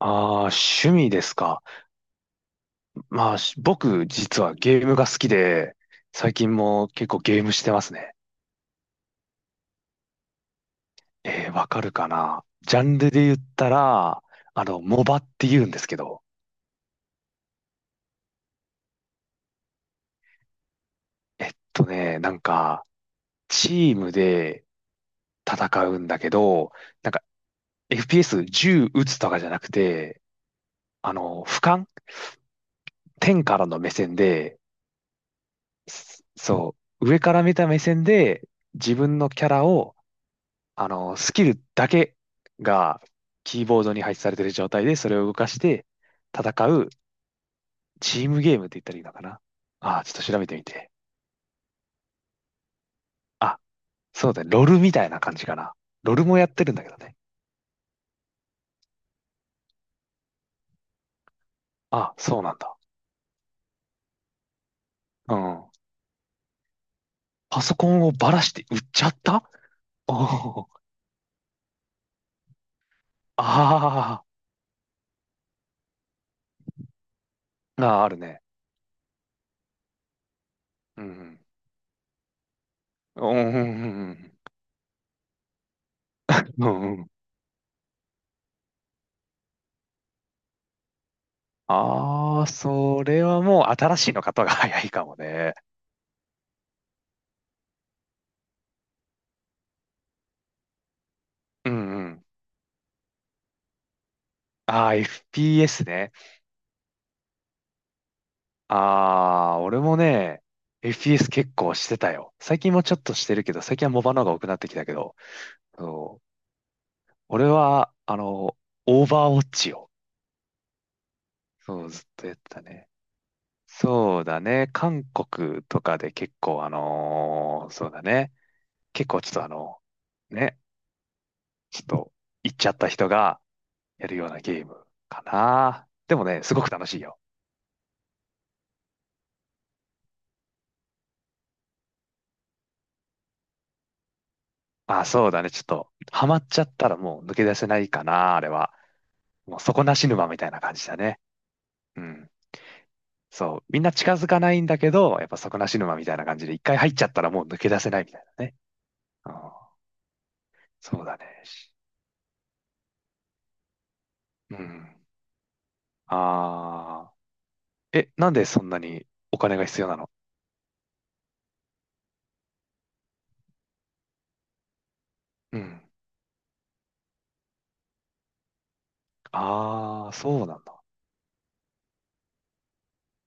ああ、趣味ですか。まあ、僕、実はゲームが好きで、最近も結構ゲームしてますね。わかるかな。ジャンルで言ったら、モバって言うんですけど、なんか、チームで戦うんだけど、なんか、FPS 銃撃つとかじゃなくて、俯瞰天からの目線で、そう、上から見た目線で、自分のキャラをスキルだけがキーボードに配置されている状態で、それを動かして戦うチームゲームって言ったらいいのかな。ああ、ちょっと調べてみて。あ、そうだね。ロルみたいな感じかな。ロルもやってるんだけどね。あ、そうなんだ。うん。パソコンをばらして売っちゃった？おおー。あーあー、あるね。うん。うんうんうんうん。うんうん。ああ、それはもう新しいの方が早いかもね。うんうん。ああ、FPS ね。あー、俺もね、FPS 結構してたよ。最近もちょっとしてるけど、最近はモバの方が多くなってきたけど、そう、俺は、オーバーウォッチを、そう、ずっとやってたね。そうだね、韓国とかで結構、そうだね、結構ちょっとね、ちょっと、行っちゃった人がやるようなゲームかな。でもね、すごく楽しいよ。まああそうだね、ちょっと、ハマっちゃったらもう抜け出せないかな、あれは。もう底なし沼みたいな感じだね。うん。そう。みんな近づかないんだけど、やっぱ底なし沼みたいな感じで、一回入っちゃったらもう抜け出せないみたいなね。ああ、そうだね。うん。ああ。え、なんでそんなにお金が必要なの？うん。ああ、そうなんだ。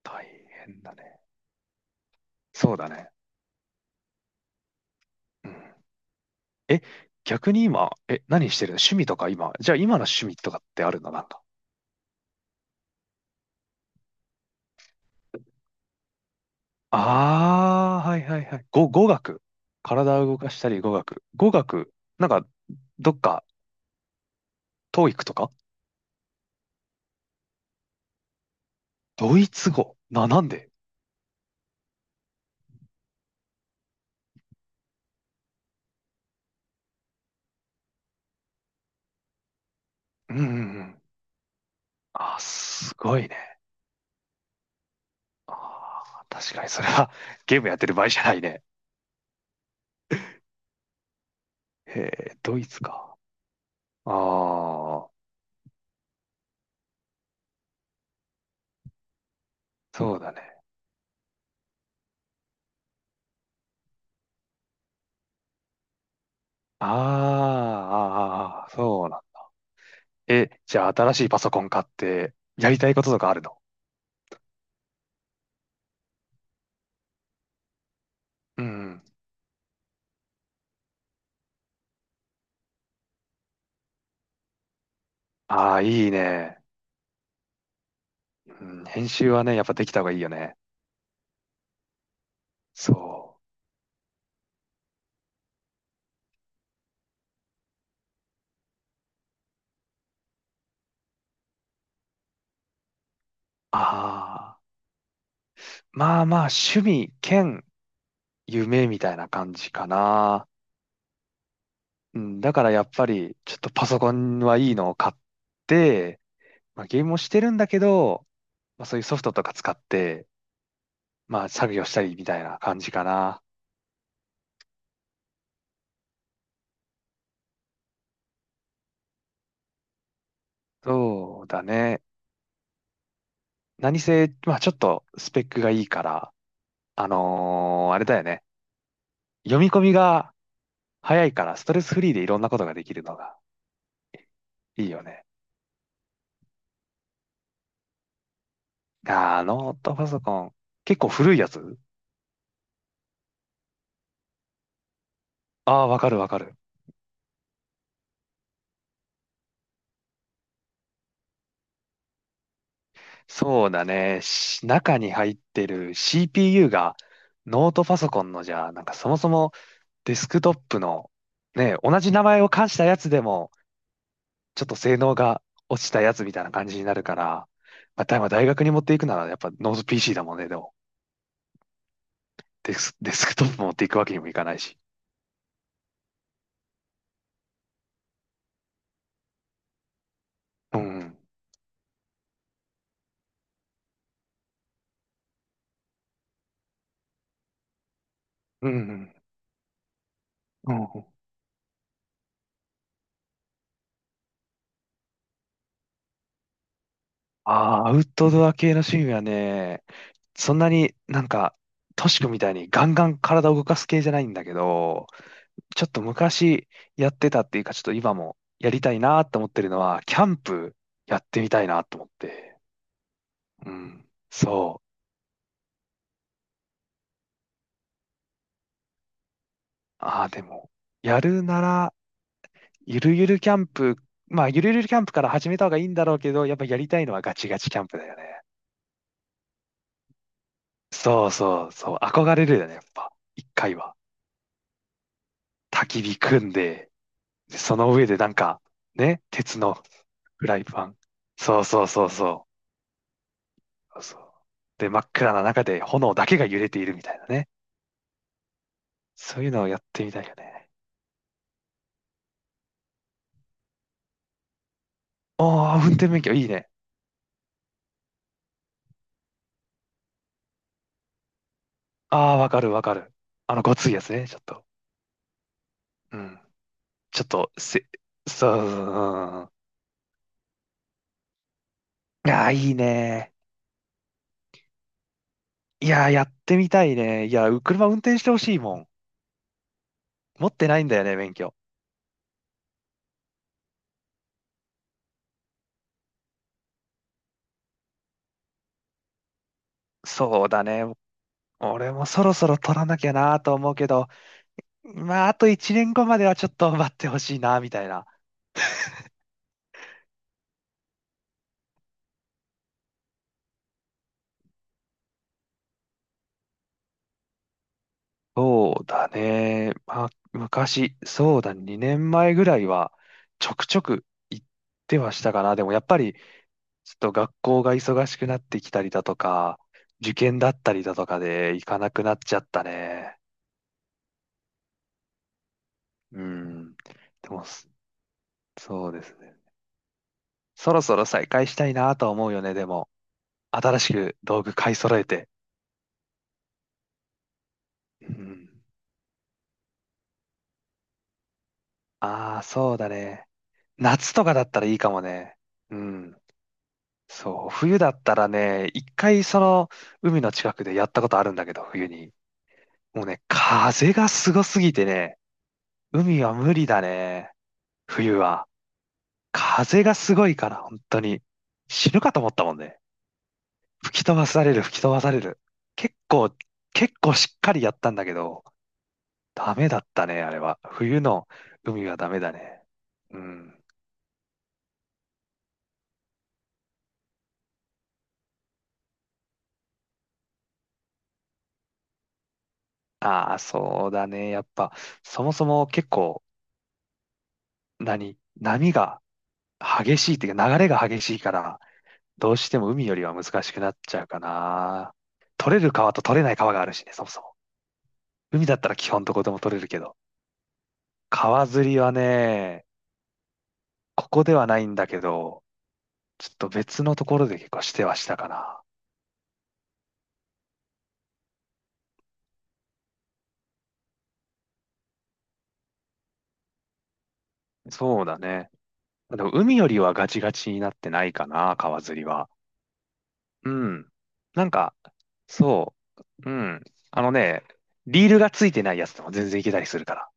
大変だね。そうだね。うん。え、逆に今、え、何してるの？趣味とか今。じゃあ今の趣味とかってあるの？なんか。ああ、はいはいはい。語学。体を動かしたり語学。語学、なんか、どっか、トー e とかドイツ語。なんで？うんうんうん。あ、すごいね。あー、確かにそれは ゲームやってる場合じゃないね。へえ、ドイツか。ああ、そうだね。あーあー、あーそうなん。え、じゃあ新しいパソコン買って、やりたいこととかあるの？うん。ああ、いいね。うん、編集はね、やっぱできた方がいいよね。そう。ああ、まあまあ、趣味兼夢みたいな感じかな。うん、だからやっぱり、ちょっとパソコンはいいのを買って、まあ、ゲームもしてるんだけど、まあ、そういうソフトとか使って、まあ、作業したりみたいな感じかな。そうだね。何せ、まあ、ちょっとスペックがいいから、あれだよね。読み込みが早いから、ストレスフリーでいろんなことができるのがいいよね。あー、ノートパソコン。結構古いやつ？ああー、わかるわかる。そうだね。中に入ってる CPU がノートパソコンのじゃあ、なんかそもそもデスクトップのね、同じ名前を冠したやつでもちょっと性能が落ちたやつみたいな感じになるから、まあ、まあ大学に持っていくならやっぱノート PC だもんね、でも。デスクトップ持っていくわけにもいかないし。うん。うん。うん。うん。ああ、アウトドア系の趣味はね、そんなになんか、トシ君みたいにガンガン体を動かす系じゃないんだけど、ちょっと昔やってたっていうか、ちょっと今もやりたいなと思ってるのは、キャンプやってみたいなと思って。うん。そう。ああ、でも、やるなら、ゆるゆるキャンプ、まあ、ゆるゆるキャンプから始めた方がいいんだろうけど、やっぱやりたいのはガチガチキャンプだよね。そうそうそう。憧れるよね、やっぱ。一回は。焚き火組んで、でその上でなんか、ね、鉄のフライパン。そうそうそうそう。そうそうで、真っ暗な中で炎だけが揺れているみたいなね。そういうのをやってみたいよね。ああ、運転免許いいね。ああ、わかるわかる。あの、ごついやつね、ちょっと。うん。ちょっと、そう、うん。いやー、いいね。いやー、やってみたいね。いやー、車運転してほしいもん。持ってないんだよね、免許。そうだね。俺もそろそろ取らなきゃなと思うけど、まあ、あと1年後まではちょっと待ってほしいな、みたいな。そうだね。まあ、昔、そうだね、2年前ぐらいは、ちょくちょく行ってはしたかな。でもやっぱり、ちょっと学校が忙しくなってきたりだとか、受験だったりだとかで行かなくなっちゃったね。うん。でも、そうですね。そろそろ再開したいなとは思うよね、でも。新しく道具買い揃えて。うん。ああ、そうだね。夏とかだったらいいかもね。うん。そう、冬だったらね、一回その海の近くでやったことあるんだけど、冬に。もうね、風がすごすぎてね、海は無理だね、冬は。風がすごいから、本当に。死ぬかと思ったもんね。吹き飛ばされる、吹き飛ばされる。結構、結構しっかりやったんだけど、ダメだったね、あれは。冬の海はダメだね。うん。ああ、そうだね。やっぱ、そもそも結構、何波が激しいっていうか流れが激しいから、どうしても海よりは難しくなっちゃうかな。取れる川と取れない川があるしね、そもそも。海だったら基本どこでも取れるけど。川釣りはね、ここではないんだけど、ちょっと別のところで結構してはしたかな。そうだね。でも海よりはガチガチになってないかな、川釣りは。うん。なんか、そう。うん。あのね、リールがついてないやつでも全然いけたりするから。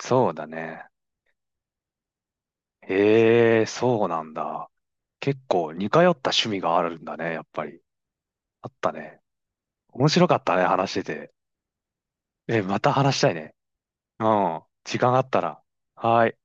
そうだね。へえ、そうなんだ。結構似通った趣味があるんだね、やっぱり。あったね。面白かったね、話してて。え、また話したいね。うん。時間あったら。はい。